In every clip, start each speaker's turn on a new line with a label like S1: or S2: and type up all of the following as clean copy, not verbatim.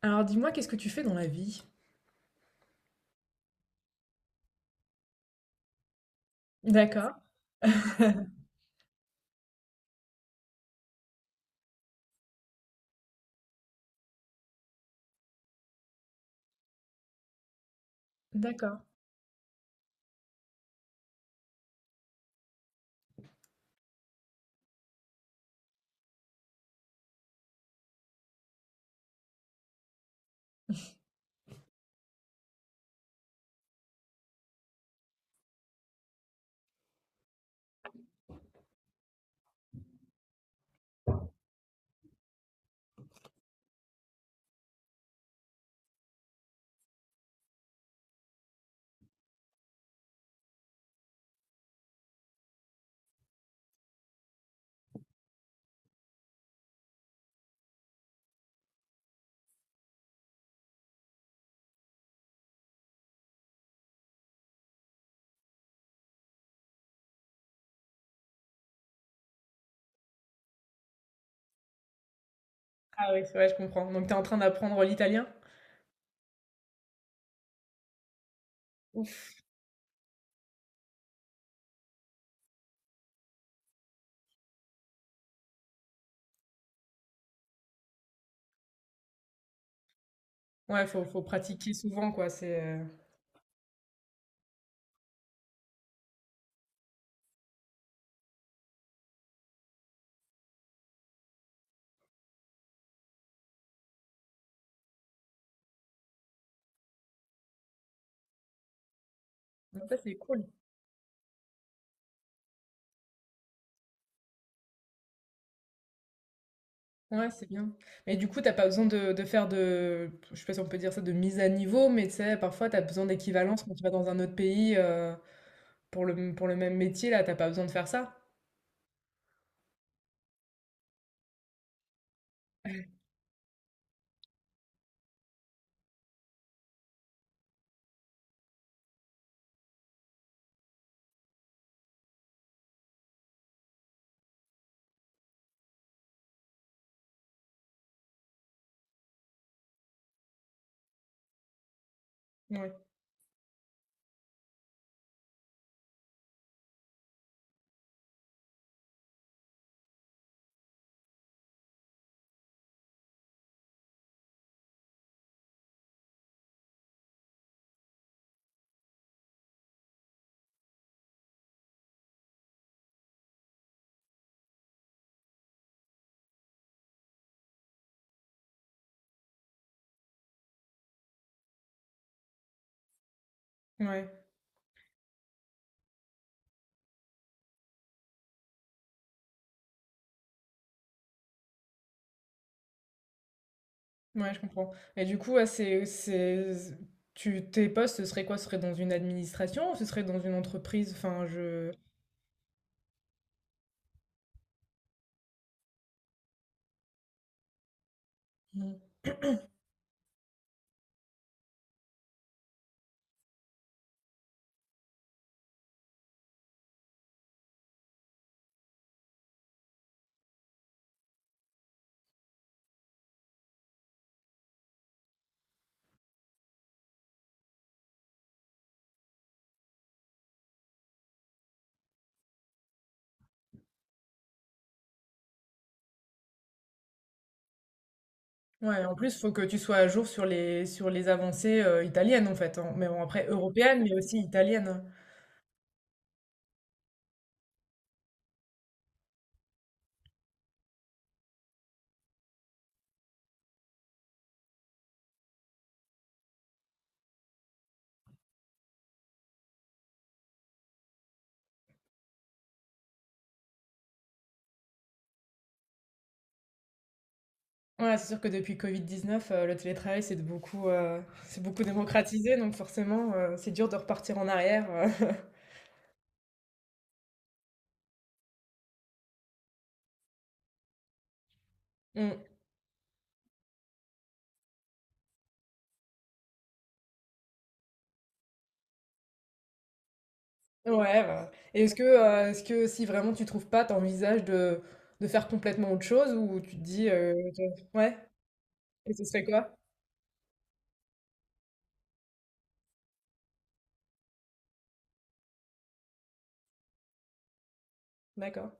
S1: Alors dis-moi, qu'est-ce que tu fais dans la vie? D'accord. D'accord. Ah oui, ouais, je comprends. Donc tu es en train d'apprendre l'italien? Ouais, faut pratiquer souvent, quoi. Donc ça, c'est cool. Ouais, c'est bien. Mais du coup, t'as pas besoin de faire de, je sais pas si on peut dire ça, de mise à niveau, mais tu sais, parfois t'as besoin d'équivalence quand tu vas dans un autre pays pour pour le même métier, là, t'as pas besoin de faire ça. Ouais, ouais. Ouais, je comprends. Et du coup, ouais, tu, tes postes, ce serait quoi? Ce serait dans une administration ou ce serait dans une entreprise? Enfin, je. Mm. Ouais, en plus, il faut que tu sois à jour sur sur les avancées italiennes, en fait, hein. Mais bon, après, européennes, mais aussi italiennes. Ouais, c'est sûr que depuis Covid-19, le télétravail, c'est beaucoup démocratisé, donc forcément, c'est dur de repartir en arrière. Mm. Ouais, bah. Est-ce que si vraiment tu trouves pas, t'envisages de faire complètement autre chose ou tu te dis, ouais, et ce serait quoi? D'accord.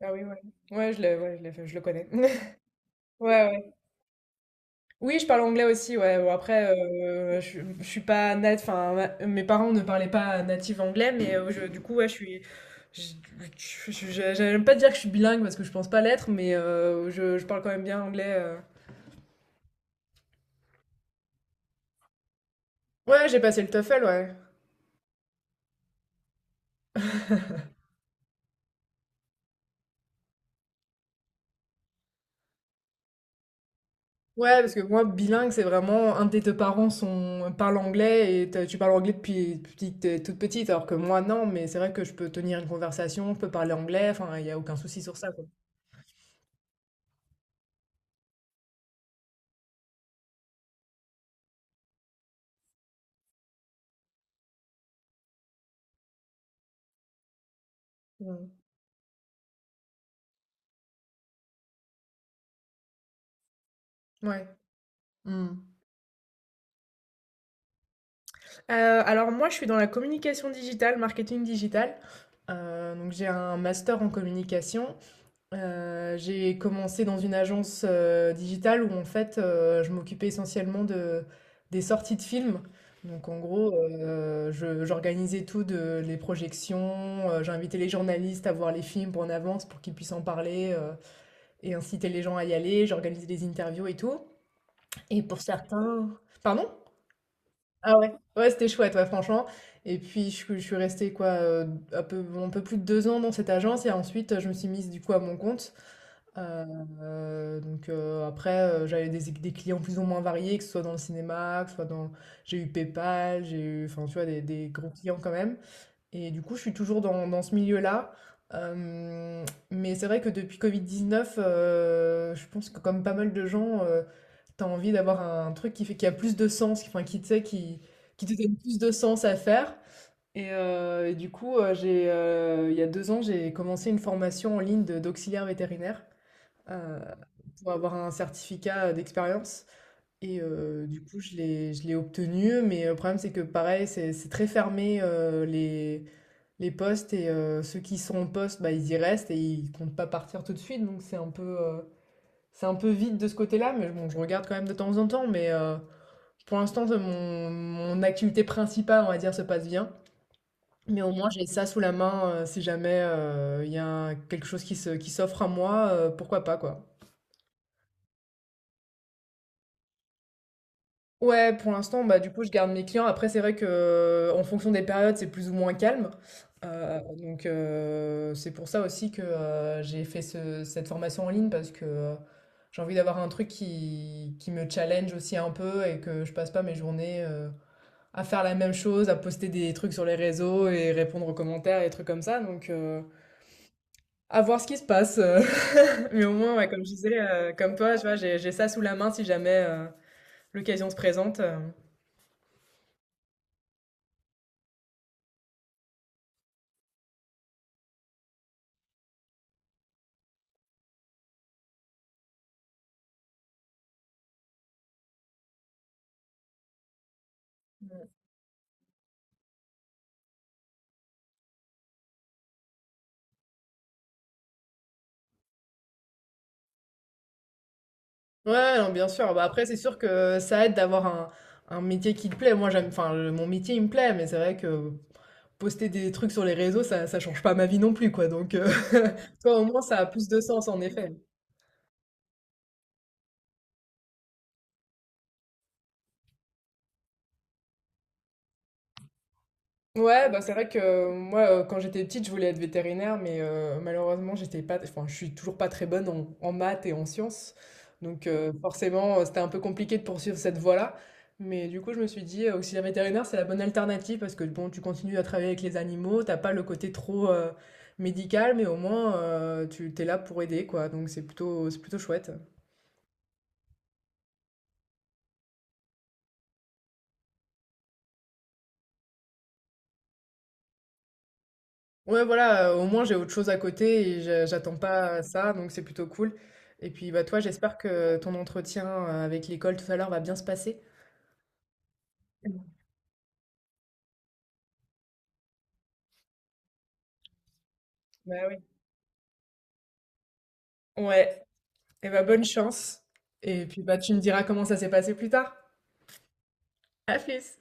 S1: Ah oui, ouais. Ouais, je l'ai fait, je le connais. Ouais, ouais. Oui, je parle anglais aussi, ouais. Bon, après, je suis pas nat, enfin, ma- mes parents ne parlaient pas natif anglais, du coup, ouais, je suis. je- J'aime pas dire que je suis bilingue parce que je pense pas l'être, je parle quand même bien anglais. Ouais, j'ai passé le TOEFL, ouais. Ouais, parce que moi, bilingue, c'est vraiment un des deux parle anglais et tu parles anglais depuis que t'es toute petite, alors que moi, non, mais c'est vrai que je peux tenir une conversation, je peux parler anglais, enfin, il n'y a aucun souci sur ça, quoi. Ouais. Ouais. Hmm. Heu, alors moi, je suis dans la communication digitale, marketing digital. Donc j'ai un master en communication. J'ai commencé dans une agence, digitale où en fait, je m'occupais essentiellement de des sorties de films. Donc en gros, je j'organisais tout de les projections, j'invitais les journalistes à voir les films en avance pour qu'ils puissent en parler, et inciter les gens à y aller. J'organisais des interviews et tout et pour certains pardon? Ah ouais? Ouais, c'était chouette, ouais, franchement. Et puis, je suis restée, quoi, un peu plus de deux ans dans cette agence. Et ensuite, je me suis mise, du coup, à mon compte. Euh, donc, après, j'avais des clients plus ou moins variés, que ce soit dans le cinéma, que ce soit dans... J'ai eu PayPal, j'ai eu, enfin, tu vois, des gros clients quand même. Et du coup, je suis toujours dans ce milieu-là. Mais c'est vrai que depuis Covid-19, je pense que comme pas mal de gens... T'as envie d'avoir un truc qui fait qui a plus de sens, qui, enfin, qui, tu sais, qui te donne plus de sens à faire. Et du coup, il y a deux ans, j'ai commencé une formation en ligne d'auxiliaire vétérinaire euh, pour avoir un certificat d'expérience. Du coup, je l'ai obtenu. Mais le problème, c'est que pareil, c'est très fermé les postes. Ceux qui sont en poste, bah, ils y restent et ils comptent pas partir tout de suite. Donc c'est un peu vide de ce côté-là. Mais bon, je regarde quand même de temps en temps. Pour l'instant, mon activité principale, on va dire, se passe bien. Mais au moins, j'ai ça sous la main si jamais il y a quelque chose qui s'offre à moi, pourquoi pas, quoi. Ouais, pour l'instant, bah, du coup, je garde mes clients. Après, c'est vrai que en fonction des périodes, c'est plus ou moins calme. Donc, c'est pour ça aussi que j'ai fait cette formation en ligne parce que j'ai envie d'avoir un truc qui me challenge aussi un peu et que je passe pas mes journées, à faire la même chose, à poster des trucs sur les réseaux et répondre aux commentaires et des trucs comme ça. Donc, à voir ce qui se passe. Mais au moins, ouais, comme je disais, comme toi, tu vois, j'ai ça sous la main si jamais l'occasion se présente. Ouais, non, bien sûr. Bah, après, c'est sûr que ça aide d'avoir un métier qui te plaît. Moi, mon métier, il me plaît, mais c'est vrai que poster des trucs sur les réseaux, ça change pas ma vie non plus, quoi. Toi, au moins, ça a plus de sens, en effet. Ouais, bah, c'est vrai que quand j'étais petite, je voulais être vétérinaire, malheureusement, j'étais pas, enfin, je suis toujours pas très bonne en, en maths et en sciences. Donc, forcément, c'était un peu compliqué de poursuivre cette voie-là. Mais du coup, je me suis dit, auxiliaire vétérinaire, c'est la bonne alternative parce que bon, tu continues à travailler avec les animaux, t'as pas le côté trop médical, mais au moins, tu t'es là pour aider, quoi. Donc, c'est plutôt chouette. Ouais, voilà, au moins j'ai autre chose à côté et j'attends pas ça, donc c'est plutôt cool. Et puis bah toi, j'espère que ton entretien avec l'école tout à l'heure va bien se passer. Mm. Bah oui. Ouais, et bah bonne chance. Et puis bah tu me diras comment ça s'est passé plus tard. À plus.